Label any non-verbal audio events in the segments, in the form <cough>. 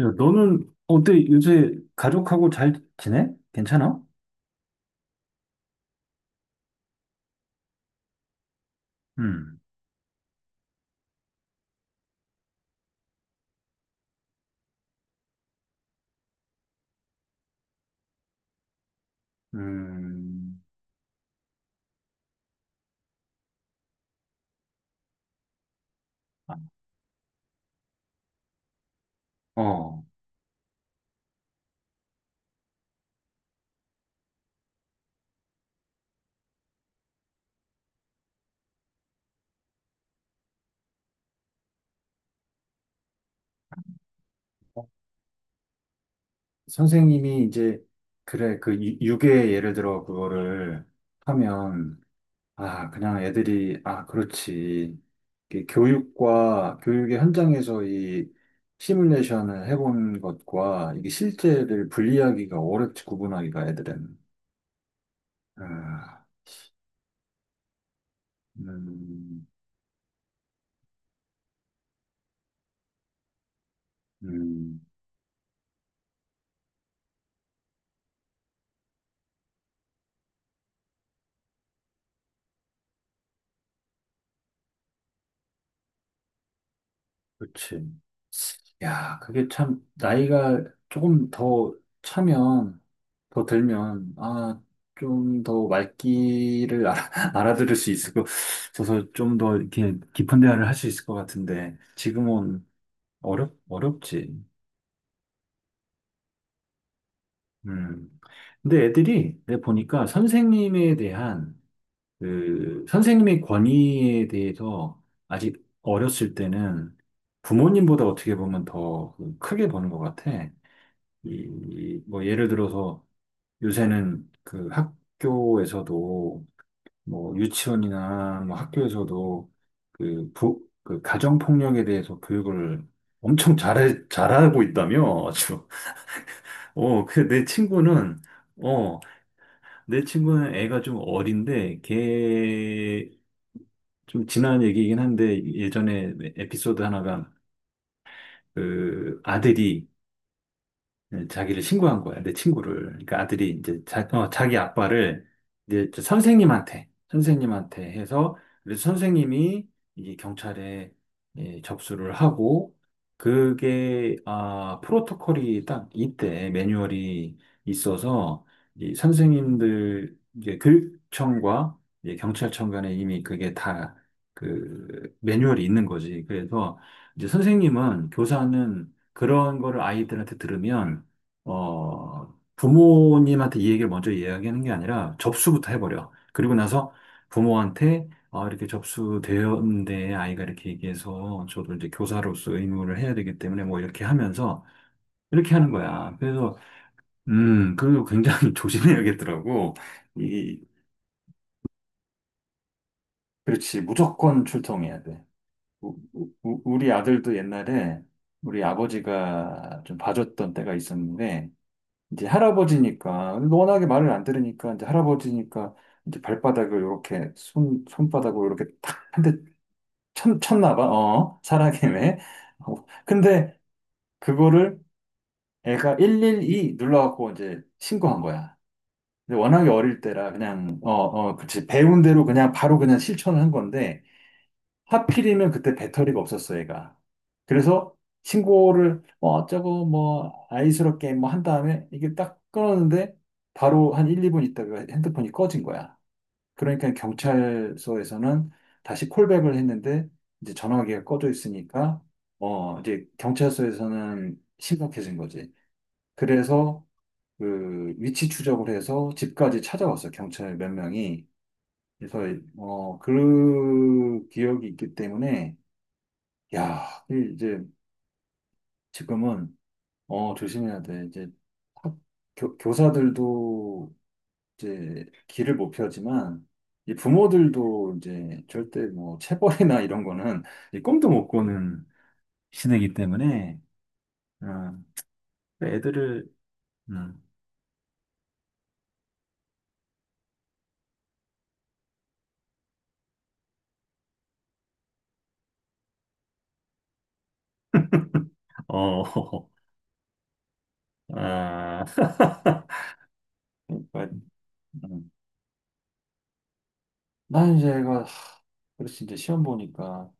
야, 너는 어때? 요새 가족하고 잘 지내? 괜찮아? 음, 음, 아, 어, 선생님이 이제, 그래, 유괴 예를 들어 그거를 하면, 아, 그냥 애들이, 아, 그렇지. 이게 교육의 현장에서 이 시뮬레이션을 해본 것과 이게 실제를 분리하기가 어렵지, 구분하기가 애들은. 아, 음, 음. 그치. 야, 그게 참, 나이가 조금 더 차면, 더 들면, 아, 좀 더 <laughs> 알아들을 수 있을 것, 그서좀 더 이렇게 깊은 대화를 할 수 있을 것 같은데, 지금은 어렵지. 음. 근데 애들이, 내가 보니까 선생님에 대한, 그, 선생님의 권위에 대해서 아직 어렸을 때는 부모님보다 어떻게 보면 더 그 크게 보는 것 같아. 이, 뭐 예를 들어서 요새는 그 학교에서도 뭐 유치원이나 뭐 학교에서도 그 가정폭력에 대해서 교육을 엄청 잘 잘하고 있다며 아주 어 그 내 친구는 어 내 친구는 애가 좀 어린데 걔 좀 지난 얘기이긴 한데 예전에 에피소드 하나가 그 아들이 자기를 신고한 거야, 내 친구를. 그러니까 아들이 이제 자, 어, 자기 아빠를 이제 저 선생님한테 해서, 그래서 선생님이 이제 경찰에 예, 접수를 하고, 그게, 아, 프로토콜이 딱 이때 매뉴얼이 있어서, 이 선생님들, 이제 교육청과 이제 경찰청 간에 이미 그게 다 그 매뉴얼이 있는 거지. 그래서 이제 선생님은, 교사는 그런 거를 아이들한테 들으면 어, 부모님한테 이 얘기를 먼저 이야기하는 게 아니라 접수부터 해버려. 그리고 나서 부모한테 아, 이렇게 접수되었는데 아이가 이렇게 얘기해서 저도 이제 교사로서 의무를 해야 되기 때문에 뭐 이렇게 하면서 이렇게 하는 거야. 그래서 그리고 굉장히 <laughs> 조심해야겠더라고. 이, 그렇지. 무조건 출동해야 돼. 우리 아들도 옛날에 우리 아버지가 좀 봐줬던 때가 있었는데 이제 할아버지니까 워낙에 말을 안 들으니까 이제 할아버지니까 이제 발바닥을 이렇게 손 손바닥으로 이렇게 탁 한 대 쳤나 봐. 어, 사랑해매. 어, 근데 그거를 애가 112 눌러갖고 이제 신고한 거야. 근데 워낙에 어릴 때라 그냥 그치. 배운 대로 그냥 바로 그냥 실천을 한 건데 하필이면 그때 배터리가 없었어, 얘가. 그래서 신고를 뭐 어쩌고 뭐 아이스럽게 뭐 한 다음에 이게 딱 끊었는데 바로 한 1, 2분 있다가 핸드폰이 꺼진 거야. 그러니까 경찰서에서는 다시 콜백을 했는데 이제 전화기가 꺼져 있으니까 어 이제 경찰서에서는 심각해진 거지. 그래서 그 위치 추적을 해서 집까지 찾아왔어, 경찰 몇 명이. 그래서 어 그 기억이 있기 때문에 야, 이제 지금은 어 조심해야 돼. 이제 학- 교사들도 이제 길을 못 펴지만 이 부모들도 이제 절대 뭐 체벌이나 이런 거는 이 꿈도 못 꾸는 시대이기 때문에 어, 그 애들을 음, 어, <laughs> 아, 그러니까 음. 난 이제 애가 하, 그래서 이제 시험 보니까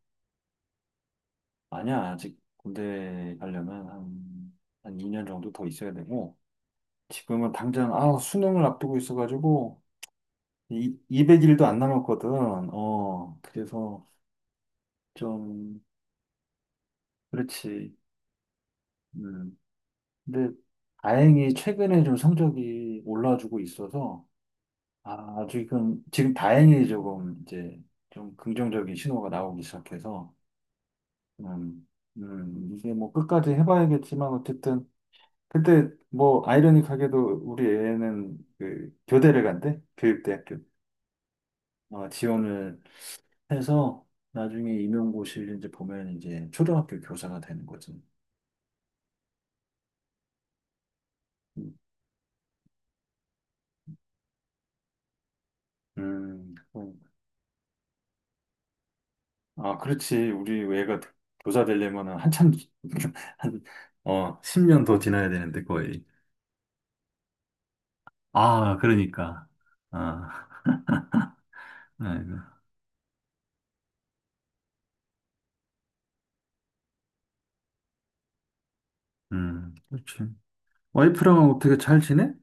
아니야 아직 군대 가려면 한 2년 정도 더 있어야 되고. 지금은 당장, 아, 수능을 앞두고 있어가지고, 이, 200일도 안 남았거든. 어, 그래서 좀, 그렇지. 음. 근데 다행히 최근에 좀 성적이 올라주고 있어서, 아, 지금 다행히 조금 이제 좀 긍정적인 신호가 나오기 시작해서, 음, 이게 뭐 끝까지 해봐야겠지만, 어쨌든, 그때 뭐 아이러니하게도 우리 애는 그 교대를 간대, 교육대학교. 어, 지원을 해서 나중에 임용고시를 이제 보면 이제 초등학교 교사가 되는 거지. 음, 어. 아, 그렇지. 우리 애가 교사 되려면은 한참, <laughs> 한, 어, 10년 더 지나야 되는데, 거의. 아, 그러니까. 아, 아이고. 그렇지. 와이프랑 어떻게 잘 지내?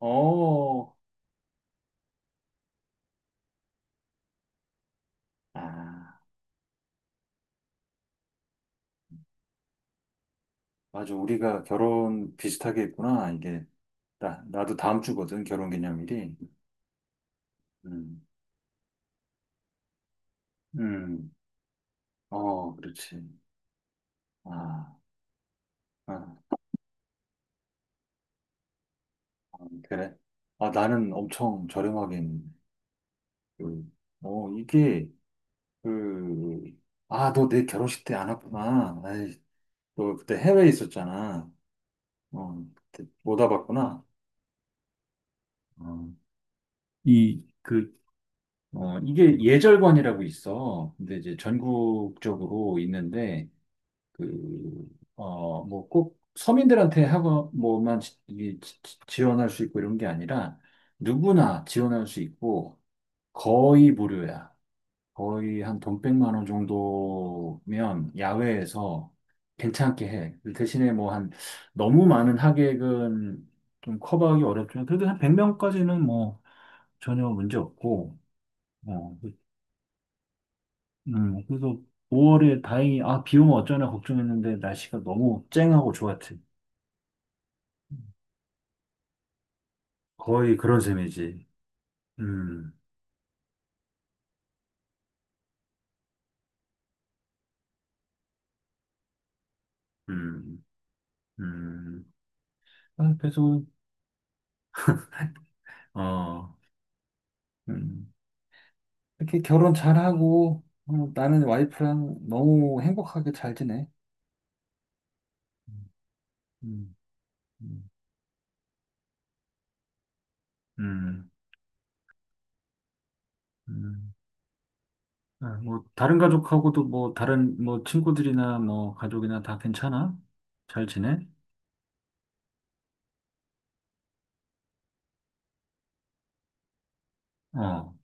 어, 아, 맞아. 우리가 결혼 비슷하게 했구나. 이게, 나도 다음 주거든, 결혼 기념일이. 음, 음, 어, 그렇지. 아, 아, 아, 그래. 아, 나는 엄청 저렴하긴. 그, 어, 이게, 그, 아, 너 내 결혼식 때 안 왔구나. 아이, 너 그때 해외에 있었잖아. 어, 그때 못 와봤구나. 어, 이, 그, 어, 이게 예절관이라고 있어. 근데 이제 전국적으로 있는데, 그, 어, 뭐 꼭 서민들한테 하고, 뭐만 지- 이- 지- 지원할 수 있고 이런 게 아니라, 누구나 지원할 수 있고, 거의 무료야. 거의 한 돈 100만 원 정도면 야외에서 괜찮게 해. 대신에 뭐 한 너무 많은 하객은 좀 커버하기 어렵지만 그래도 한 100명까지는 뭐 전혀 문제 없고. 어, 그래서 5월에 다행히 아, 비 오면 어쩌나 걱정했는데 날씨가 너무 쨍하고 좋았지. 거의 그런 셈이지. 음, 음, 음. 아, 그래서 어. 음. 이렇게 결혼 잘하고 어, 나는 와이프랑 너무 행복하게 잘 지내. 음, 음. 음, 음. 아, 뭐, 다른 가족하고도 뭐, 다른, 뭐, 친구들이나 뭐, 가족이나 다 괜찮아? 잘 지내? 어,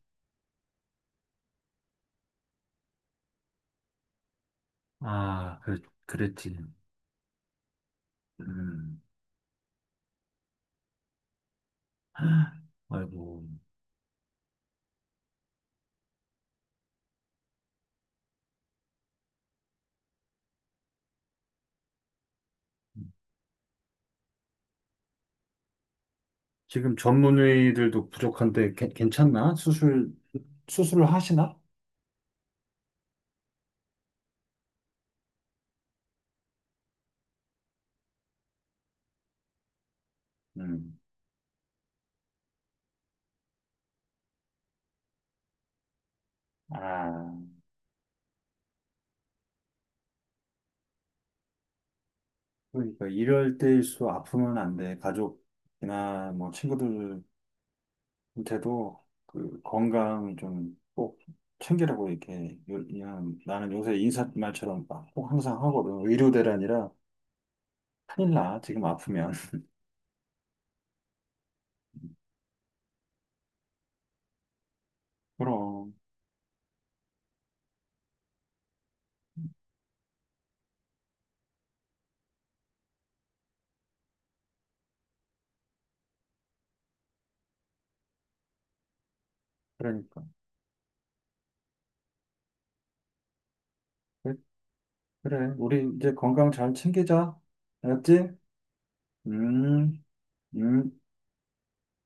아, 그, 그랬지. 음, 아이고. 지금 전문의들도 부족한데, 괜찮나? 수술, 수술을 하시나? 음, 아, 그러니까 이럴 때일수록 아프면 안 돼. 가족이나 뭐, 친구들 한테도 그 건강 좀 꼭 챙기라고 이렇게 그냥 나는 요새 인사말처럼 막 꼭 항상 하거든. 의료 대란이라 큰일 나. 지금 아프면. <laughs> 그럼. 그러니까. 그래. 그래. 우리 이제 건강 잘 챙기자. 알았지? 음. 음.